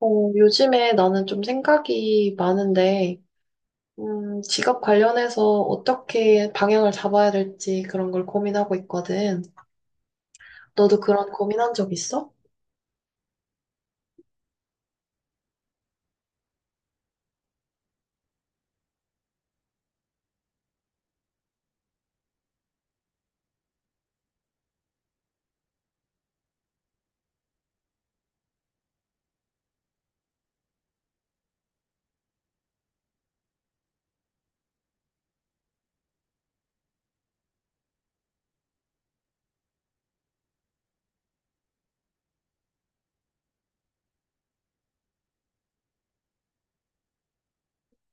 요즘에 나는 좀 생각이 많은데, 직업 관련해서 어떻게 방향을 잡아야 될지 그런 걸 고민하고 있거든. 너도 그런 고민한 적 있어?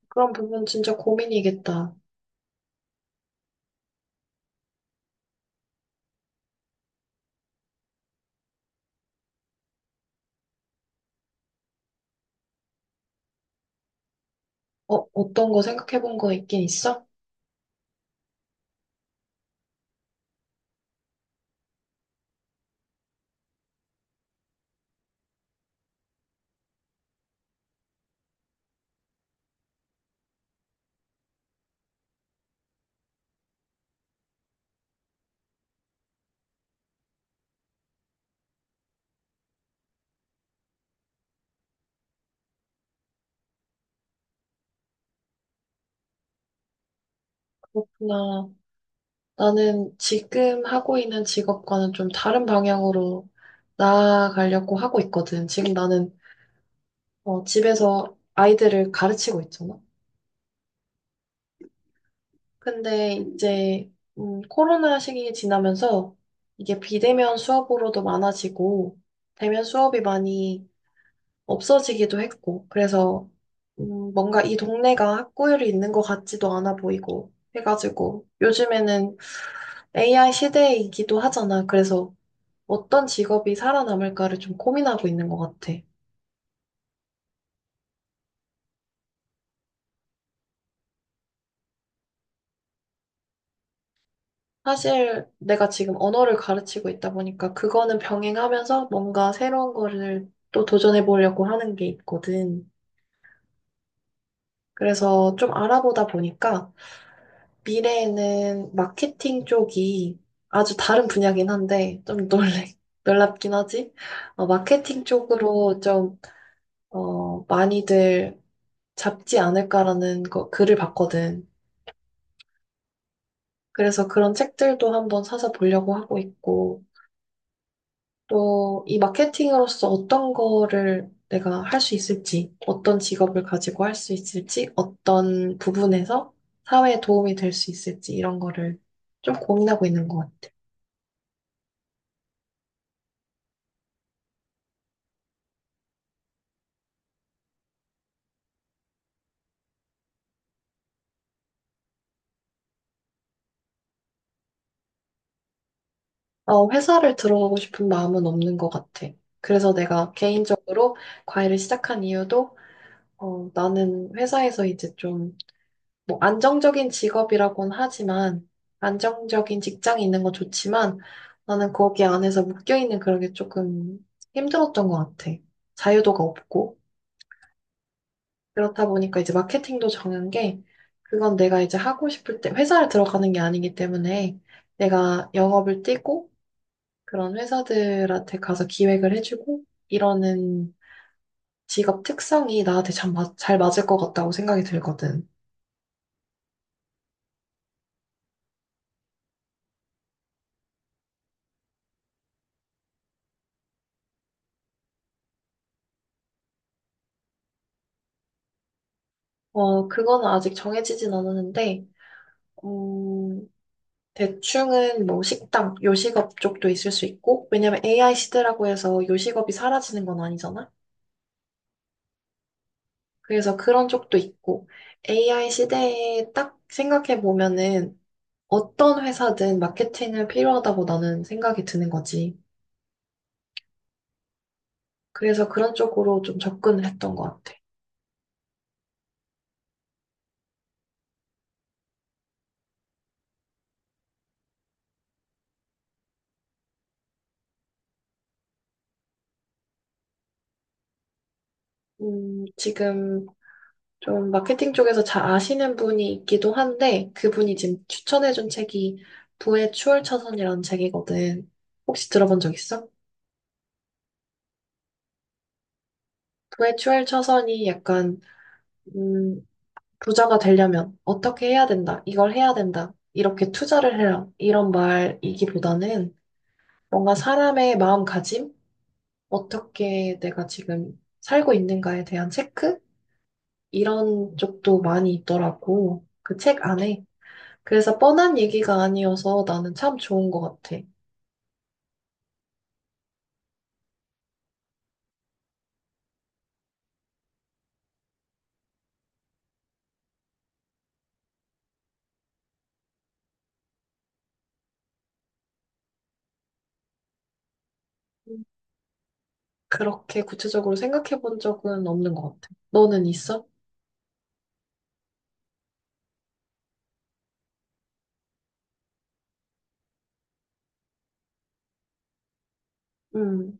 그런 부분 진짜 고민이겠다. 어떤 거 생각해 본 거 있긴 있어? 그렇구나. 나는 지금 하고 있는 직업과는 좀 다른 방향으로 나아가려고 하고 있거든. 지금 나는 집에서 아이들을 가르치고 있잖아. 근데 이제 코로나 시기 지나면서 이게 비대면 수업으로도 많아지고 대면 수업이 많이 없어지기도 했고 그래서 뭔가 이 동네가 학구열이 있는 것 같지도 않아 보이고 해가지고 요즘에는 AI 시대이기도 하잖아. 그래서 어떤 직업이 살아남을까를 좀 고민하고 있는 것 같아. 사실 내가 지금 언어를 가르치고 있다 보니까 그거는 병행하면서 뭔가 새로운 거를 또 도전해 보려고 하는 게 있거든. 그래서 좀 알아보다 보니까 미래에는 마케팅 쪽이 아주 다른 분야긴 한데 좀 놀래, 놀랍긴 하지? 마케팅 쪽으로 좀, 많이들 잡지 않을까라는 거, 글을 봤거든. 그래서 그런 책들도 한번 사서 보려고 하고 있고, 또 이 마케팅으로서 어떤 거를 내가 할 수 있을지, 어떤 직업을 가지고 할 수 있을지, 어떤 부분에서 사회에 도움이 될 수 있을지, 이런 거를 좀 고민하고 있는 것 같아. 회사를 들어가고 싶은 마음은 없는 것 같아. 그래서 내가 개인적으로 과외를 시작한 이유도, 나는 회사에서 이제 좀 뭐 안정적인 직업이라고는 하지만 안정적인 직장이 있는 건 좋지만 나는 거기 안에서 묶여 있는 그런 게 조금 힘들었던 것 같아. 자유도가 없고 그렇다 보니까 이제 마케팅도 정한 게 그건 내가 이제 하고 싶을 때 회사를 들어가는 게 아니기 때문에 내가 영업을 뛰고 그런 회사들한테 가서 기획을 해주고 이러는 직업 특성이 나한테 참 잘 맞을 것 같다고 생각이 들거든. 그거는 아직 정해지진 않았는데 음, 대충은 뭐 식당, 요식업 쪽도 있을 수 있고, 왜냐면 AI 시대라고 해서 요식업이 사라지는 건 아니잖아? 그래서 그런 쪽도 있고, AI 시대에 딱 생각해 보면은 어떤 회사든 마케팅을 필요하다고 나는 생각이 드는 거지. 그래서 그런 쪽으로 좀 접근을 했던 것 같아. 지금 좀 마케팅 쪽에서 잘 아시는 분이 있기도 한데, 그분이 지금 추천해준 책이 부의 추월차선이라는 책이거든. 혹시 들어본 적 있어? 외출 처선이 약간, 음, 부자가 되려면 어떻게 해야 된다, 이걸 해야 된다, 이렇게 투자를 해라, 이런 말이기보다는 뭔가 사람의 마음가짐, 어떻게 내가 지금 살고 있는가에 대한 체크? 이런 쪽도 많이 있더라고. 그 책 안에. 그래서 뻔한 얘기가 아니어서 나는 참 좋은 것 같아. 음, 그렇게 구체적으로 생각해 본 적은 없는 것 같아. 너는 있어? 음.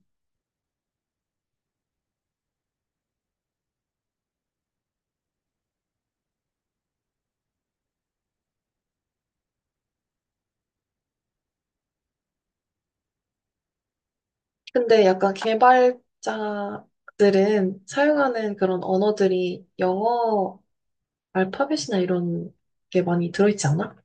근데 약간 개발자들은 사용하는 그런 언어들이 영어 알파벳이나 이런 게 많이 들어있지 않아?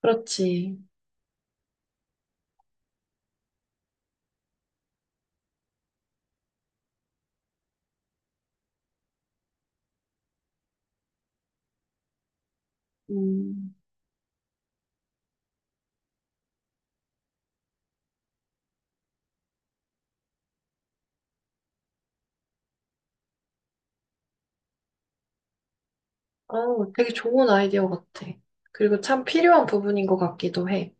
그렇지. 음, 되게 좋은 아이디어 같아. 그리고 참 필요한 부분인 것 같기도 해.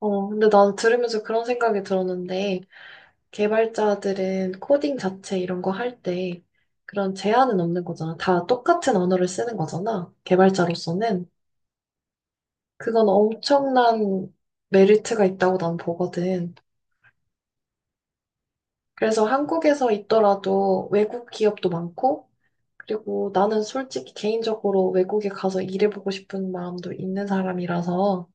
근데 난 들으면서 그런 생각이 들었는데, 개발자들은 코딩 자체 이런 거 할 때 그런 제한은 없는 거잖아. 다 똑같은 언어를 쓰는 거잖아. 개발자로서는. 그건 엄청난 메리트가 있다고 난 보거든. 그래서 한국에서 있더라도 외국 기업도 많고, 그리고 나는 솔직히 개인적으로 외국에 가서 일해보고 싶은 마음도 있는 사람이라서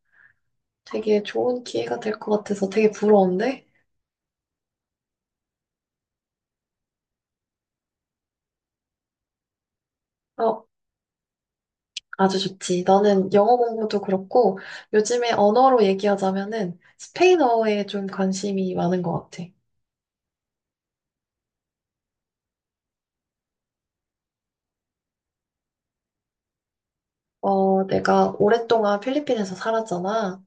되게 좋은 기회가 될 것 같아서 되게 부러운데? 어, 아주 좋지. 나는 영어 공부도 그렇고, 요즘에 언어로 얘기하자면은 스페인어에 좀 관심이 많은 것 같아. 내가 오랫동안 필리핀에서 살았잖아.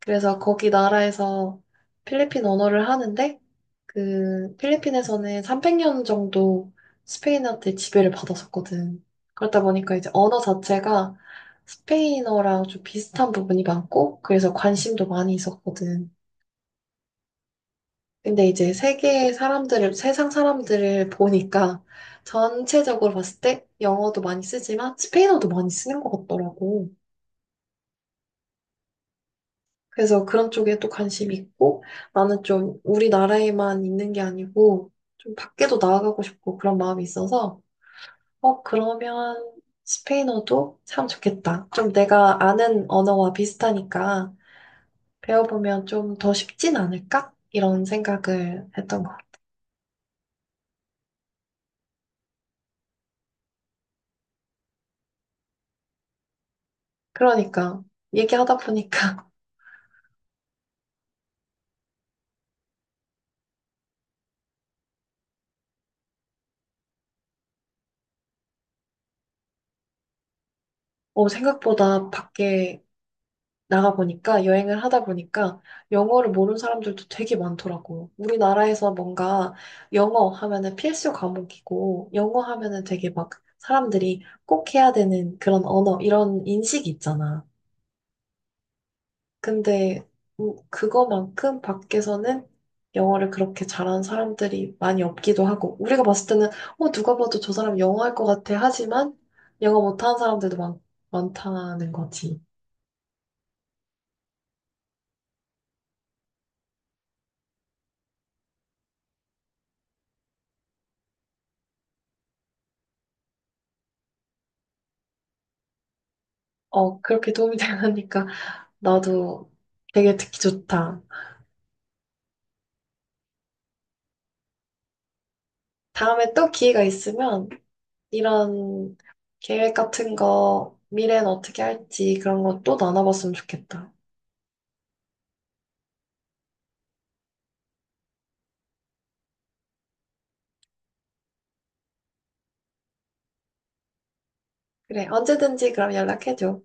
그래서 거기 나라에서 필리핀 언어를 하는데 그 필리핀에서는 300년 정도 스페인한테 지배를 받았었거든. 그렇다 보니까 이제 언어 자체가 스페인어랑 좀 비슷한 부분이 많고 그래서 관심도 많이 있었거든. 근데 이제 세계 사람들을 세상 사람들을 보니까 전체적으로 봤을 때 영어도 많이 쓰지만 스페인어도 많이 쓰는 것 같더라고. 그래서 그런 쪽에 또 관심이 있고, 나는 좀 우리나라에만 있는 게 아니고, 좀 밖에도 나아가고 싶고 그런 마음이 있어서, 그러면 스페인어도 참 좋겠다. 좀 내가 아는 언어와 비슷하니까 배워보면 좀 더 쉽진 않을까? 이런 생각을 했던 거. 그러니까, 얘기하다 보니까, 생각보다 밖에 나가 보니까 여행을 하다 보니까 영어를 모르는 사람들도 되게 많더라고. 우리나라에서 뭔가 영어 하면은 필수 과목이고 영어 하면은 되게 막 사람들이 꼭 해야 되는 그런 언어 이런 인식이 있잖아. 근데 그거만큼 밖에서는 영어를 그렇게 잘하는 사람들이 많이 없기도 하고 우리가 봤을 때는 어 누가 봐도 저 사람 영어 할 것 같아 하지만 영어 못하는 사람들도 많다는 거지. 어 그렇게 도움이 되니까 나도 되게 듣기 좋다. 다음에 또 기회가 있으면 이런 계획 같은 거, 미래는 어떻게 할지 그런 거 또 나눠봤으면 좋겠다. 그래, 언제든지 그럼 연락해줘.